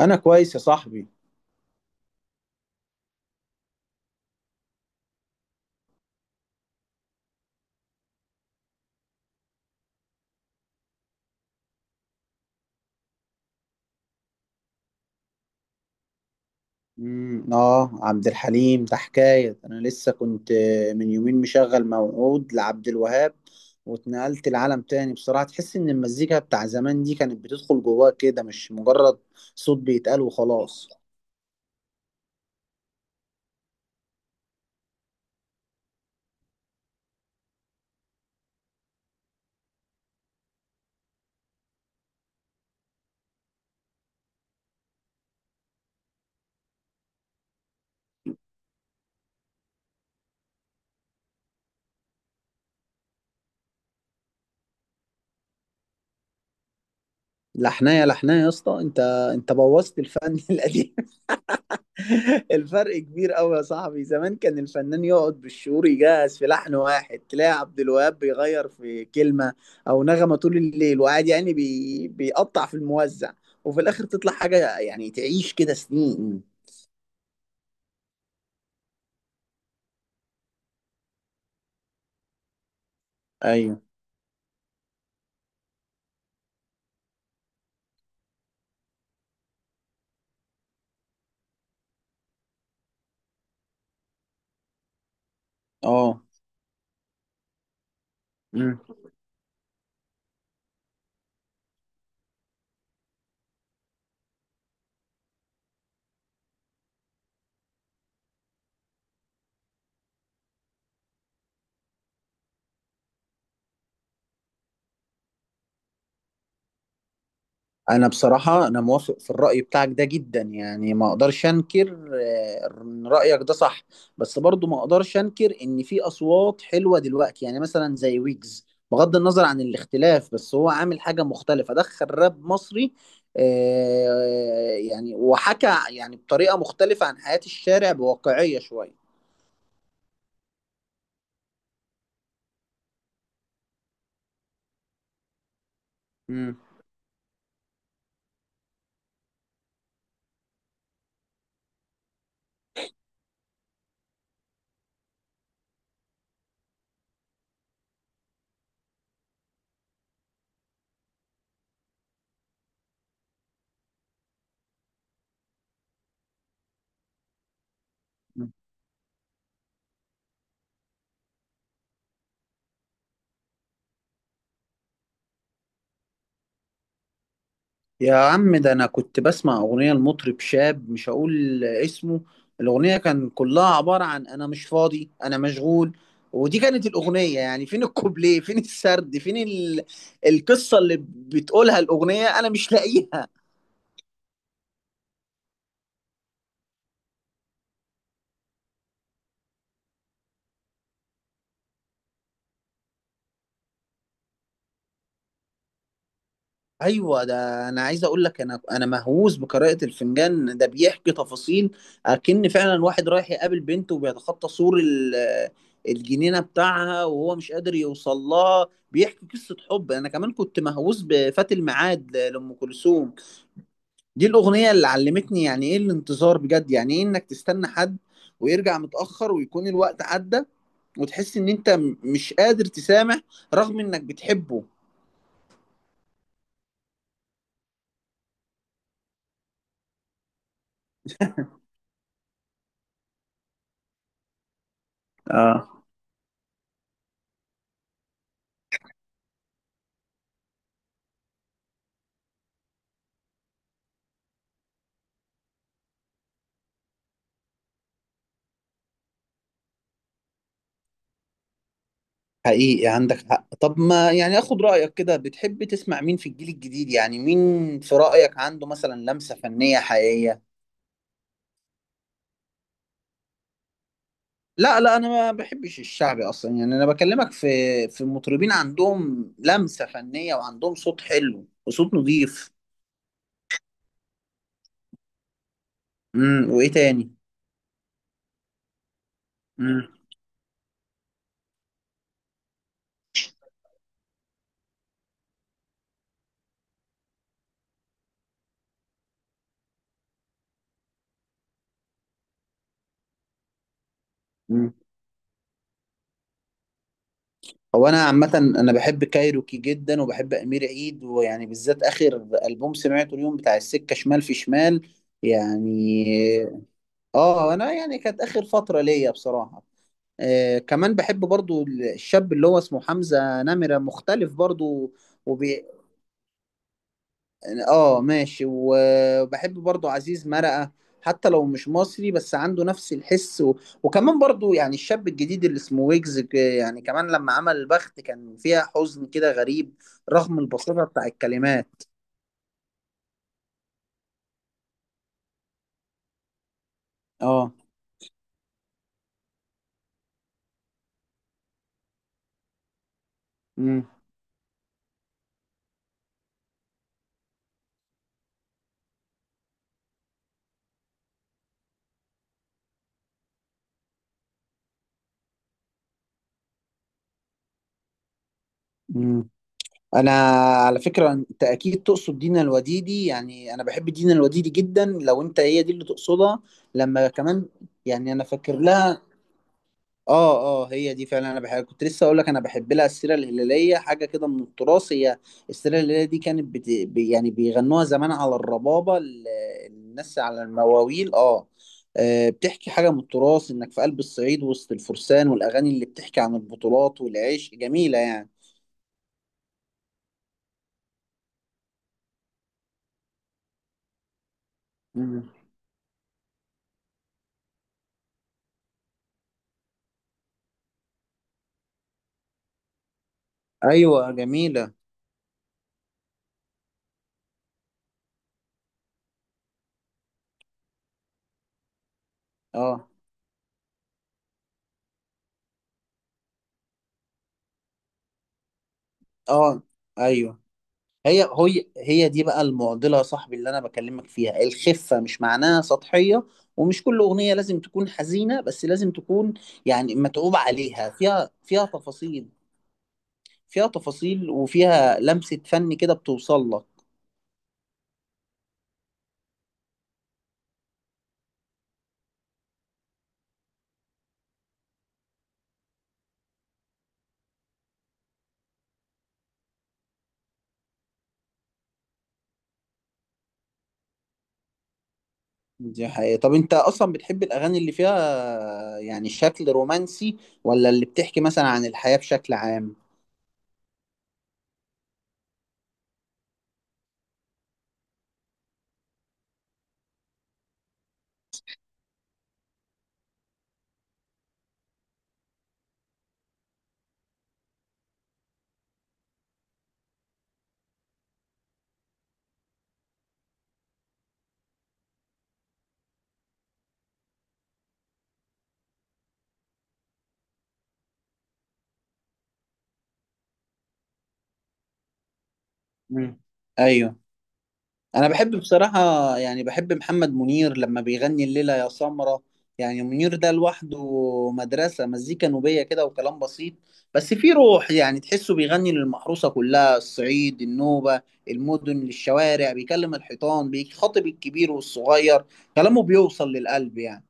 انا كويس يا صاحبي. اه عبد الحليم ده حكايه. انا لسه كنت من يومين مشغل موعود لعبد الوهاب، واتنقلت لعالم تاني بصراحه. تحس ان المزيكا بتاع زمان دي كانت بتدخل جواك كده، مش مجرد صوت بيتقال وخلاص. لحنايه لحنايه يا اسطى انت بوظت الفن القديم. الفرق كبير قوي يا صاحبي. زمان كان الفنان يقعد بالشهور يجهز في لحن واحد، تلاقي عبد الوهاب بيغير في كلمة أو نغمة طول الليل، وقاعد يعني بيقطع في الموزع، وفي الآخر تطلع حاجة يعني تعيش كده سنين. ايوه. اه. انا بصراحة انا موافق في الرأي بتاعك ده جدا، يعني ما اقدرش انكر ان رأيك ده صح. بس برضو ما اقدرش انكر ان في اصوات حلوة دلوقتي، يعني مثلا زي ويجز. بغض النظر عن الاختلاف، بس هو عامل حاجة مختلفة، دخل راب مصري، يعني وحكى يعني بطريقة مختلفة عن حياة الشارع بواقعية شوية. مم. يا عم، ده انا كنت بسمع اغنيه لمطرب شاب مش هقول اسمه. الاغنيه كان كلها عباره عن انا مش فاضي انا مشغول، ودي كانت الاغنيه. يعني فين الكوبليه، فين السرد، فين؟ القصه اللي بتقولها الاغنيه انا مش لاقيها. ايوه، ده انا عايز اقول لك، انا مهووس بقراءه الفنجان. ده بيحكي تفاصيل، اكن فعلا واحد رايح يقابل بنته وبيتخطى سور الجنينه بتاعها وهو مش قادر يوصل لها، بيحكي قصه حب. انا كمان كنت مهووس بفات الميعاد لام كلثوم. دي الاغنيه اللي علمتني يعني ايه الانتظار بجد، يعني ايه انك تستنى حد ويرجع متاخر ويكون الوقت عدى، وتحس ان انت مش قادر تسامح رغم انك بتحبه. اه، حقيقي عندك حق. طب ما يعني اخد رأيك كده، بتحب تسمع مين في الجيل الجديد؟ يعني مين في رأيك عنده مثلا لمسة فنية حقيقية؟ لا، لا، انا ما بحبش الشعبي اصلا. يعني انا بكلمك في مطربين عندهم لمسة فنية وعندهم صوت حلو وصوت نظيف. وايه تاني؟ امم امم هو انا عامة انا بحب كايروكي جدا، وبحب امير عيد. ويعني بالذات اخر ألبوم سمعته اليوم بتاع السكة شمال في شمال يعني. اه، انا يعني كانت اخر فتره ليا بصراحه. كمان بحب برضو الشاب اللي هو اسمه حمزه نمره، مختلف برضو. وبي... اه، ماشي. وبحب برضو عزيز مرقه، حتى لو مش مصري بس عنده نفس الحس. وكمان برضو يعني الشاب الجديد اللي اسمه ويجز، يعني كمان لما عمل البخت كان فيها حزن كده غريب رغم البساطه بتاع الكلمات. اه. امم انا على فكره انت اكيد تقصد دينا الوديدي. يعني انا بحب دينا الوديدي جدا لو انت هي دي اللي تقصدها. لما كمان، يعني انا فاكر لها. اه، اه، هي دي فعلا. انا بحب، كنت لسه اقول لك انا بحب لها السيره الهلاليه، حاجه كده من التراث. هي السيره الهلاليه دي كانت يعني بيغنوها زمان على الربابه، الناس على المواويل، اه. بتحكي حاجة من التراث، إنك في قلب الصعيد وسط الفرسان والأغاني اللي بتحكي عن البطولات والعيش جميلة يعني. مم. أيوة، جميلة. اه، اه، ايوه. هي دي بقى المعضله يا صاحبي، اللي انا بكلمك فيها. الخفه مش معناها سطحيه، ومش كل اغنيه لازم تكون حزينه، بس لازم تكون يعني متعوب عليها، فيها تفاصيل فيها تفاصيل، وفيها لمسه فن كده بتوصل لك. دي حقيقة. طب انت اصلا بتحب الاغاني اللي فيها يعني شكل رومانسي، ولا اللي بتحكي مثلا عن الحياه بشكل عام؟ مم. ايوه، انا بحب بصراحة. يعني بحب محمد منير لما بيغني الليلة يا سمرة. يعني منير ده لوحده مدرسة، مزيكا نوبية كده وكلام بسيط، بس في روح. يعني تحسه بيغني للمحروسة كلها، الصعيد، النوبة، المدن، للشوارع، بيكلم الحيطان، بيخاطب الكبير والصغير. كلامه بيوصل للقلب يعني.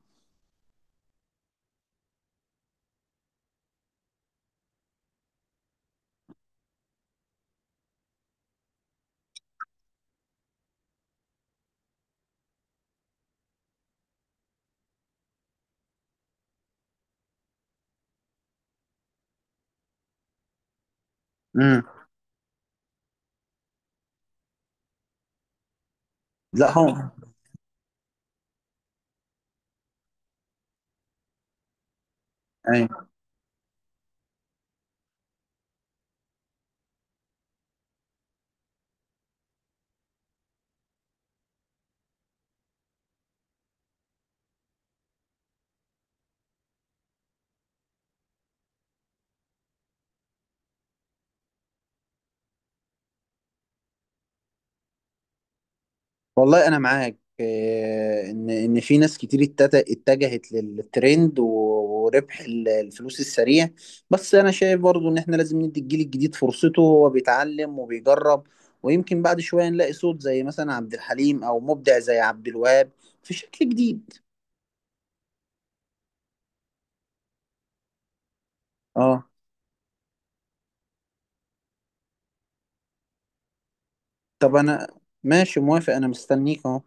امم لا. هو. أيوة. والله انا معاك ان في ناس كتير اتجهت للترند وربح الفلوس السريع. بس انا شايف برضو ان احنا لازم ندي الجيل الجديد فرصته، وهو بيتعلم وبيجرب، ويمكن بعد شوية نلاقي صوت زي مثلا عبد الحليم، او مبدع زي عبد الوهاب في شكل جديد. اه، طب انا ماشي، موافق، انا مستنيك اهو.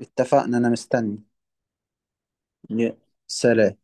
اتفقنا، انا مستني. يا سلام.